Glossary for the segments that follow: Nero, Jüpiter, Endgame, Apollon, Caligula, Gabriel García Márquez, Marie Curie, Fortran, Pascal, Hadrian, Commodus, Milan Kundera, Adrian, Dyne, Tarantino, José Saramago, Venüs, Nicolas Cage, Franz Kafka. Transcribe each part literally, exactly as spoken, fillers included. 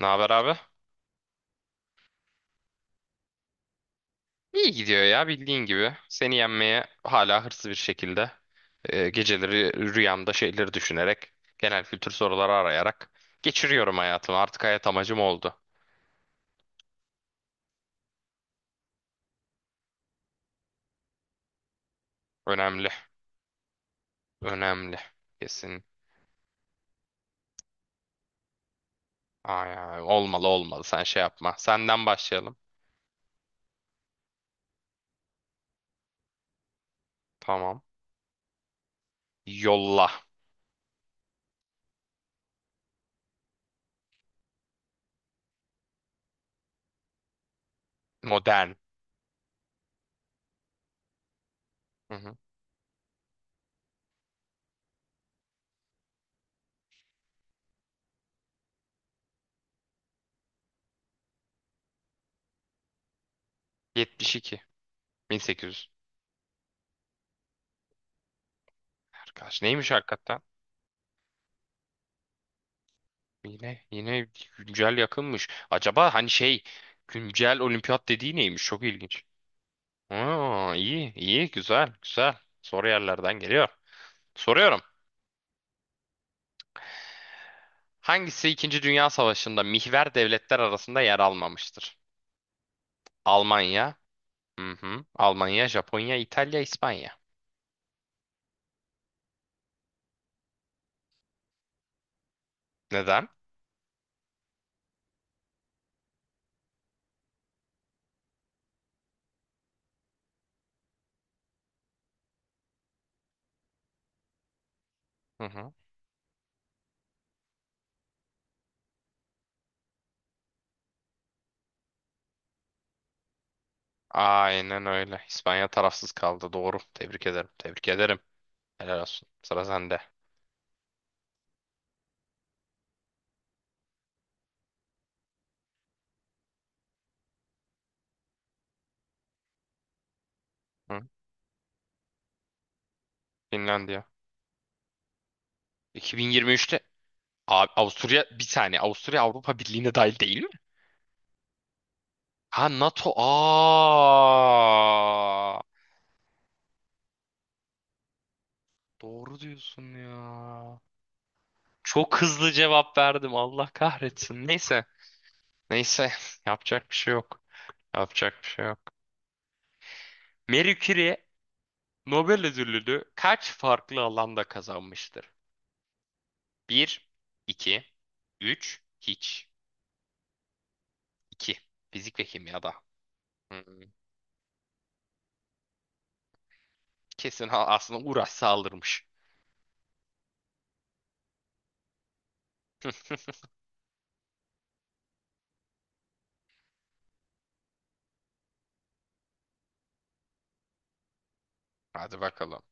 Ne haber abi? İyi gidiyor ya bildiğin gibi. Seni yenmeye hala hırslı bir şekilde e, geceleri rüyamda şeyleri düşünerek genel kültür soruları arayarak geçiriyorum hayatımı. Artık hayat amacım oldu. Önemli. Önemli. Kesin. Ay, ay, olmalı olmalı sen şey yapma. Senden başlayalım. Tamam. Yolla. Modern. Hı hı. yetmiş iki. bin sekiz yüz. Arkadaş neymiş hakikaten? Yine yine güncel yakınmış. Acaba hani şey güncel olimpiyat dediği neymiş? Çok ilginç. Aa, iyi iyi güzel güzel. Soru yerlerden geliyor. Soruyorum. Hangisi İkinci Dünya Savaşı'nda mihver devletler arasında yer almamıştır? Almanya. Hı hı. Almanya, Japonya, İtalya, İspanya. Neden? Hı hı. Aynen öyle. İspanya tarafsız kaldı. Doğru. Tebrik ederim. Tebrik ederim. Helal olsun. Sıra sende. Hı. Finlandiya. iki bin yirmi üçte abi, Avusturya bir saniye. Avusturya Avrupa Birliği'ne dahil değil mi? Ha, NATO. Aa, doğru diyorsun ya. Çok hızlı cevap verdim. Allah kahretsin. Neyse. Neyse. Yapacak bir şey yok. Yapacak bir şey yok. Marie Curie Nobel ödülünü kaç farklı alanda kazanmıştır? Bir, iki, üç, hiç. İki. Fizik ve kimyada. Hmm, kesin ha- aslında uğraşsa alırmış. Hadi bakalım.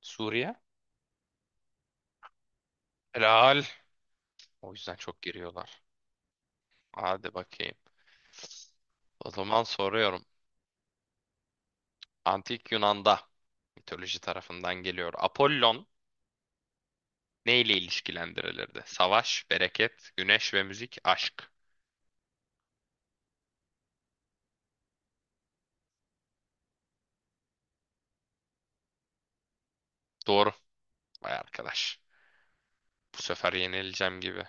Suriye? Helal. O yüzden çok giriyorlar. Hadi bakayım. O zaman soruyorum. Antik Yunan'da mitoloji tarafından geliyor. Apollon neyle ilişkilendirilirdi? Savaş, bereket, güneş ve müzik, aşk. Doğru. Vay arkadaş. Bu sefer yenileceğim gibi.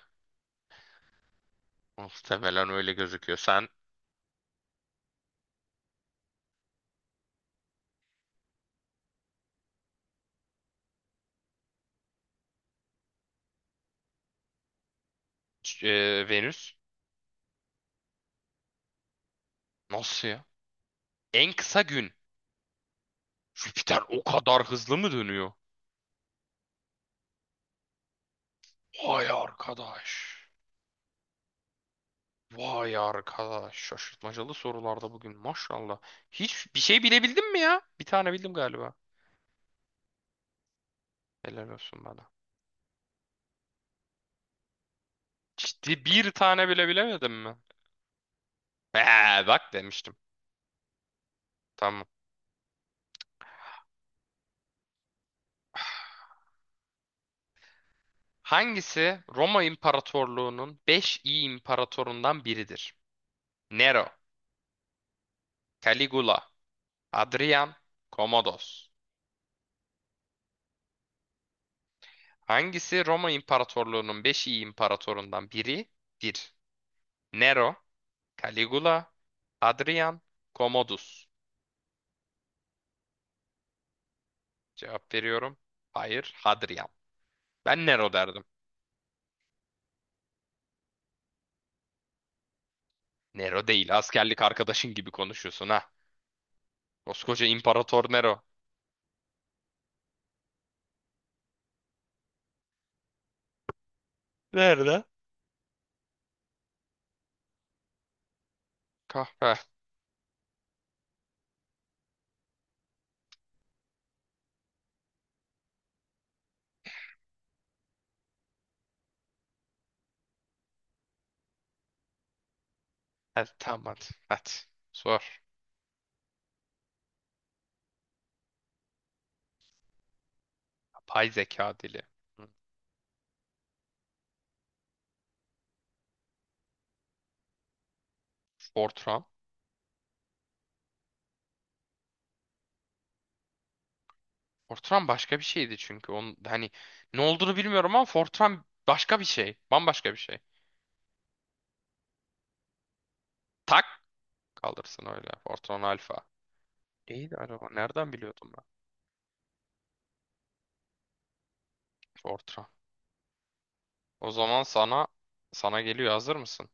Muhtemelen öyle gözüküyor. Sen e, Venüs. Nasıl ya? En kısa gün. Jüpiter o kadar hızlı mı dönüyor? Vay arkadaş. Vay arkadaş, şaşırtmacalı sorularda bugün maşallah. Hiç bir şey bilebildin mi ya? Bir tane bildim galiba. Helal olsun bana. Ciddi bir tane bile bilemedin mi? Ee, bak demiştim. Tamam. Hangisi Roma İmparatorluğu'nun beş iyi imparatorundan biridir? Nero, Caligula, Adrian, Commodus. Hangisi Roma İmparatorluğu'nun beş iyi imparatorundan biridir? Nero, Caligula, Adrian, Commodus. Cevap veriyorum. Hayır, Hadrian. Ben Nero derdim. Nero değil, askerlik arkadaşın gibi konuşuyorsun ha. Koskoca İmparator Nero. Nerede? Kahve. Hadi tamam hadi. Hadi. Sor. Yapay zeka dili. Hı. Fortran. Fortran başka bir şeydi çünkü. Onun, hani ne olduğunu bilmiyorum ama Fortran başka bir şey. Bambaşka bir şey. Tak kalırsın öyle. Fortran Alfa. Neydi acaba? Nereden biliyordum ben? Fortran. O zaman sana sana geliyor. Hazır mısın?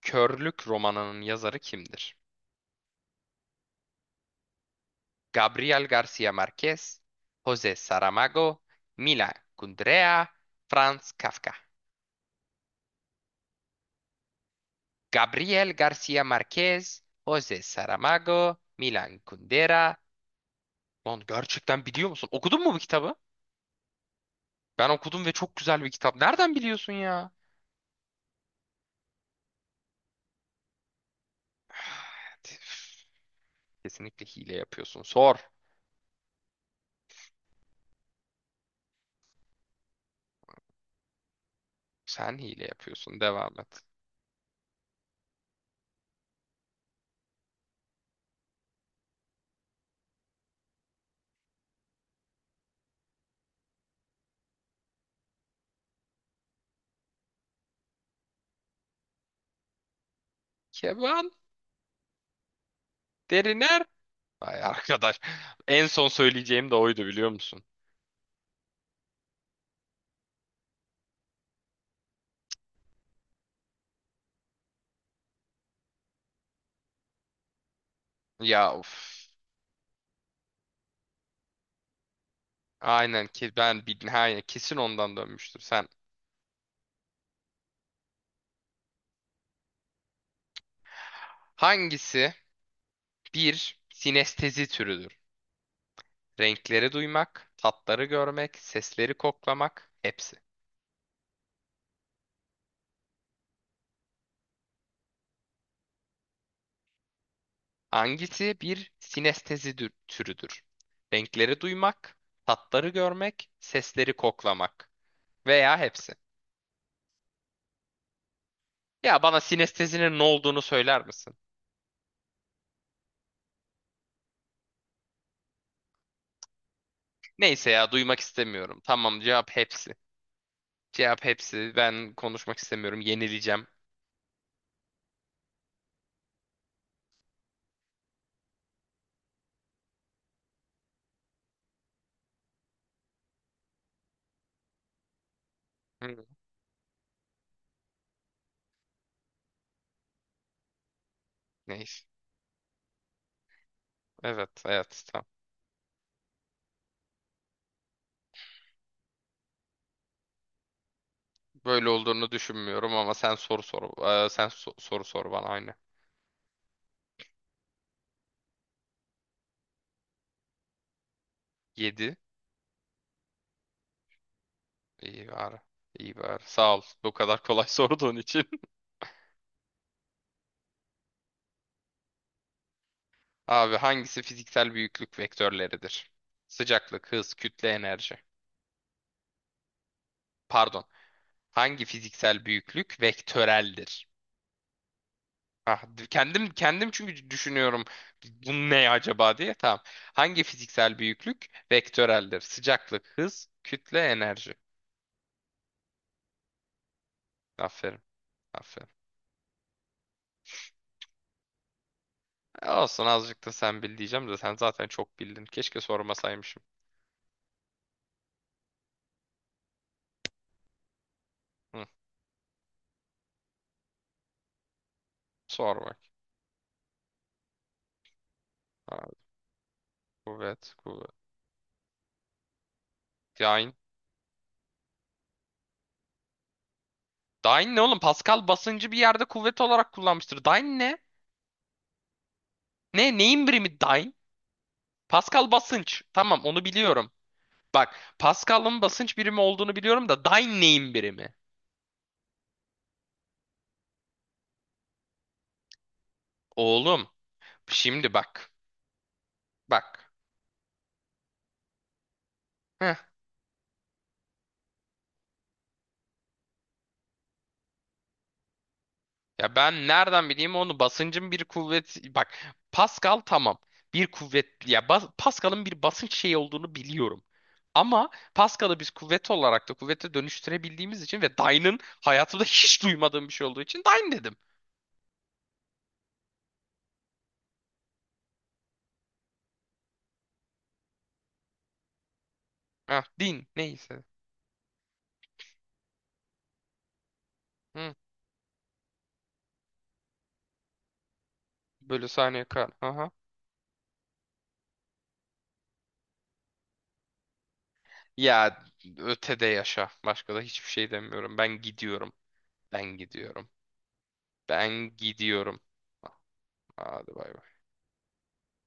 Körlük romanının yazarı kimdir? Gabriel García Márquez, José Saramago, Mila Kundera, Franz Kafka. Gabriel García Márquez, José Saramago, Milan Kundera. Lan gerçekten biliyor musun? Okudun mu bu kitabı? Ben okudum ve çok güzel bir kitap. Nereden biliyorsun ya? Kesinlikle hile yapıyorsun. Sor. Sen hile yapıyorsun. Devam et. Keban. Deriner. Ay arkadaş. En son söyleyeceğim de oydu biliyor musun? Ya of. Aynen ki ben bil- aynen kesin ondan dönmüştür sen. Hangisi bir sinestezi türüdür? Renkleri duymak, tatları görmek, sesleri koklamak, hepsi. Hangisi bir sinestezi dü- türüdür? Renkleri duymak, tatları görmek, sesleri koklamak veya hepsi. Ya bana sinestezinin ne olduğunu söyler misin? Neyse ya, duymak istemiyorum. Tamam, cevap hepsi. Cevap hepsi. Ben konuşmak istemiyorum. Yenileceğim. Hı. Neyse. Evet, evet. Tamam. Böyle olduğunu düşünmüyorum ama sen soru sor. Ee, sen so- soru sor bana aynı. Yedi. İyi bari. İyi bari. Sağ ol. Bu kadar kolay sorduğun için. Abi, hangisi fiziksel büyüklük vektörleridir? Sıcaklık, hız, kütle, enerji. Pardon. Hangi fiziksel büyüklük vektöreldir? Ah, d- kendim kendim çünkü düşünüyorum bu ne acaba diye. Tamam. Hangi fiziksel büyüklük vektöreldir? Sıcaklık, hız, kütle, enerji. Aferin. Aferin. E, olsun, azıcık da sen bil diyeceğim de sen zaten çok bildin. Keşke sormasaymışım. Hı, sor bak. Abi, kuvvet, kuvvet. Dyne. Dyne ne oğlum? Pascal basıncı bir yerde kuvvet olarak kullanmıştır. Dyne ne? Ne? Neyin birimi dyne? Pascal basınç. Tamam, onu biliyorum. Bak, Pascal'ın basınç birimi olduğunu biliyorum da dyne neyin birimi? Oğlum, şimdi bak. Bak. Ya ben nereden bileyim onu, basıncın bir kuvvet, bak Pascal tamam bir kuvvet ya, bas- Pascal'ın bir basınç şeyi olduğunu biliyorum. Ama Pascal'ı biz kuvvet olarak da kuvvete dönüştürebildiğimiz için ve Dyne'ın hayatımda hiç duymadığım bir şey olduğu için Dyne dedim. Heh, din neyse. Hı, bölü saniye kar. Aha. Ya ötede yaşa. Başka da hiçbir şey demiyorum. Ben gidiyorum. Ben gidiyorum. Ben gidiyorum. Hadi bay bay.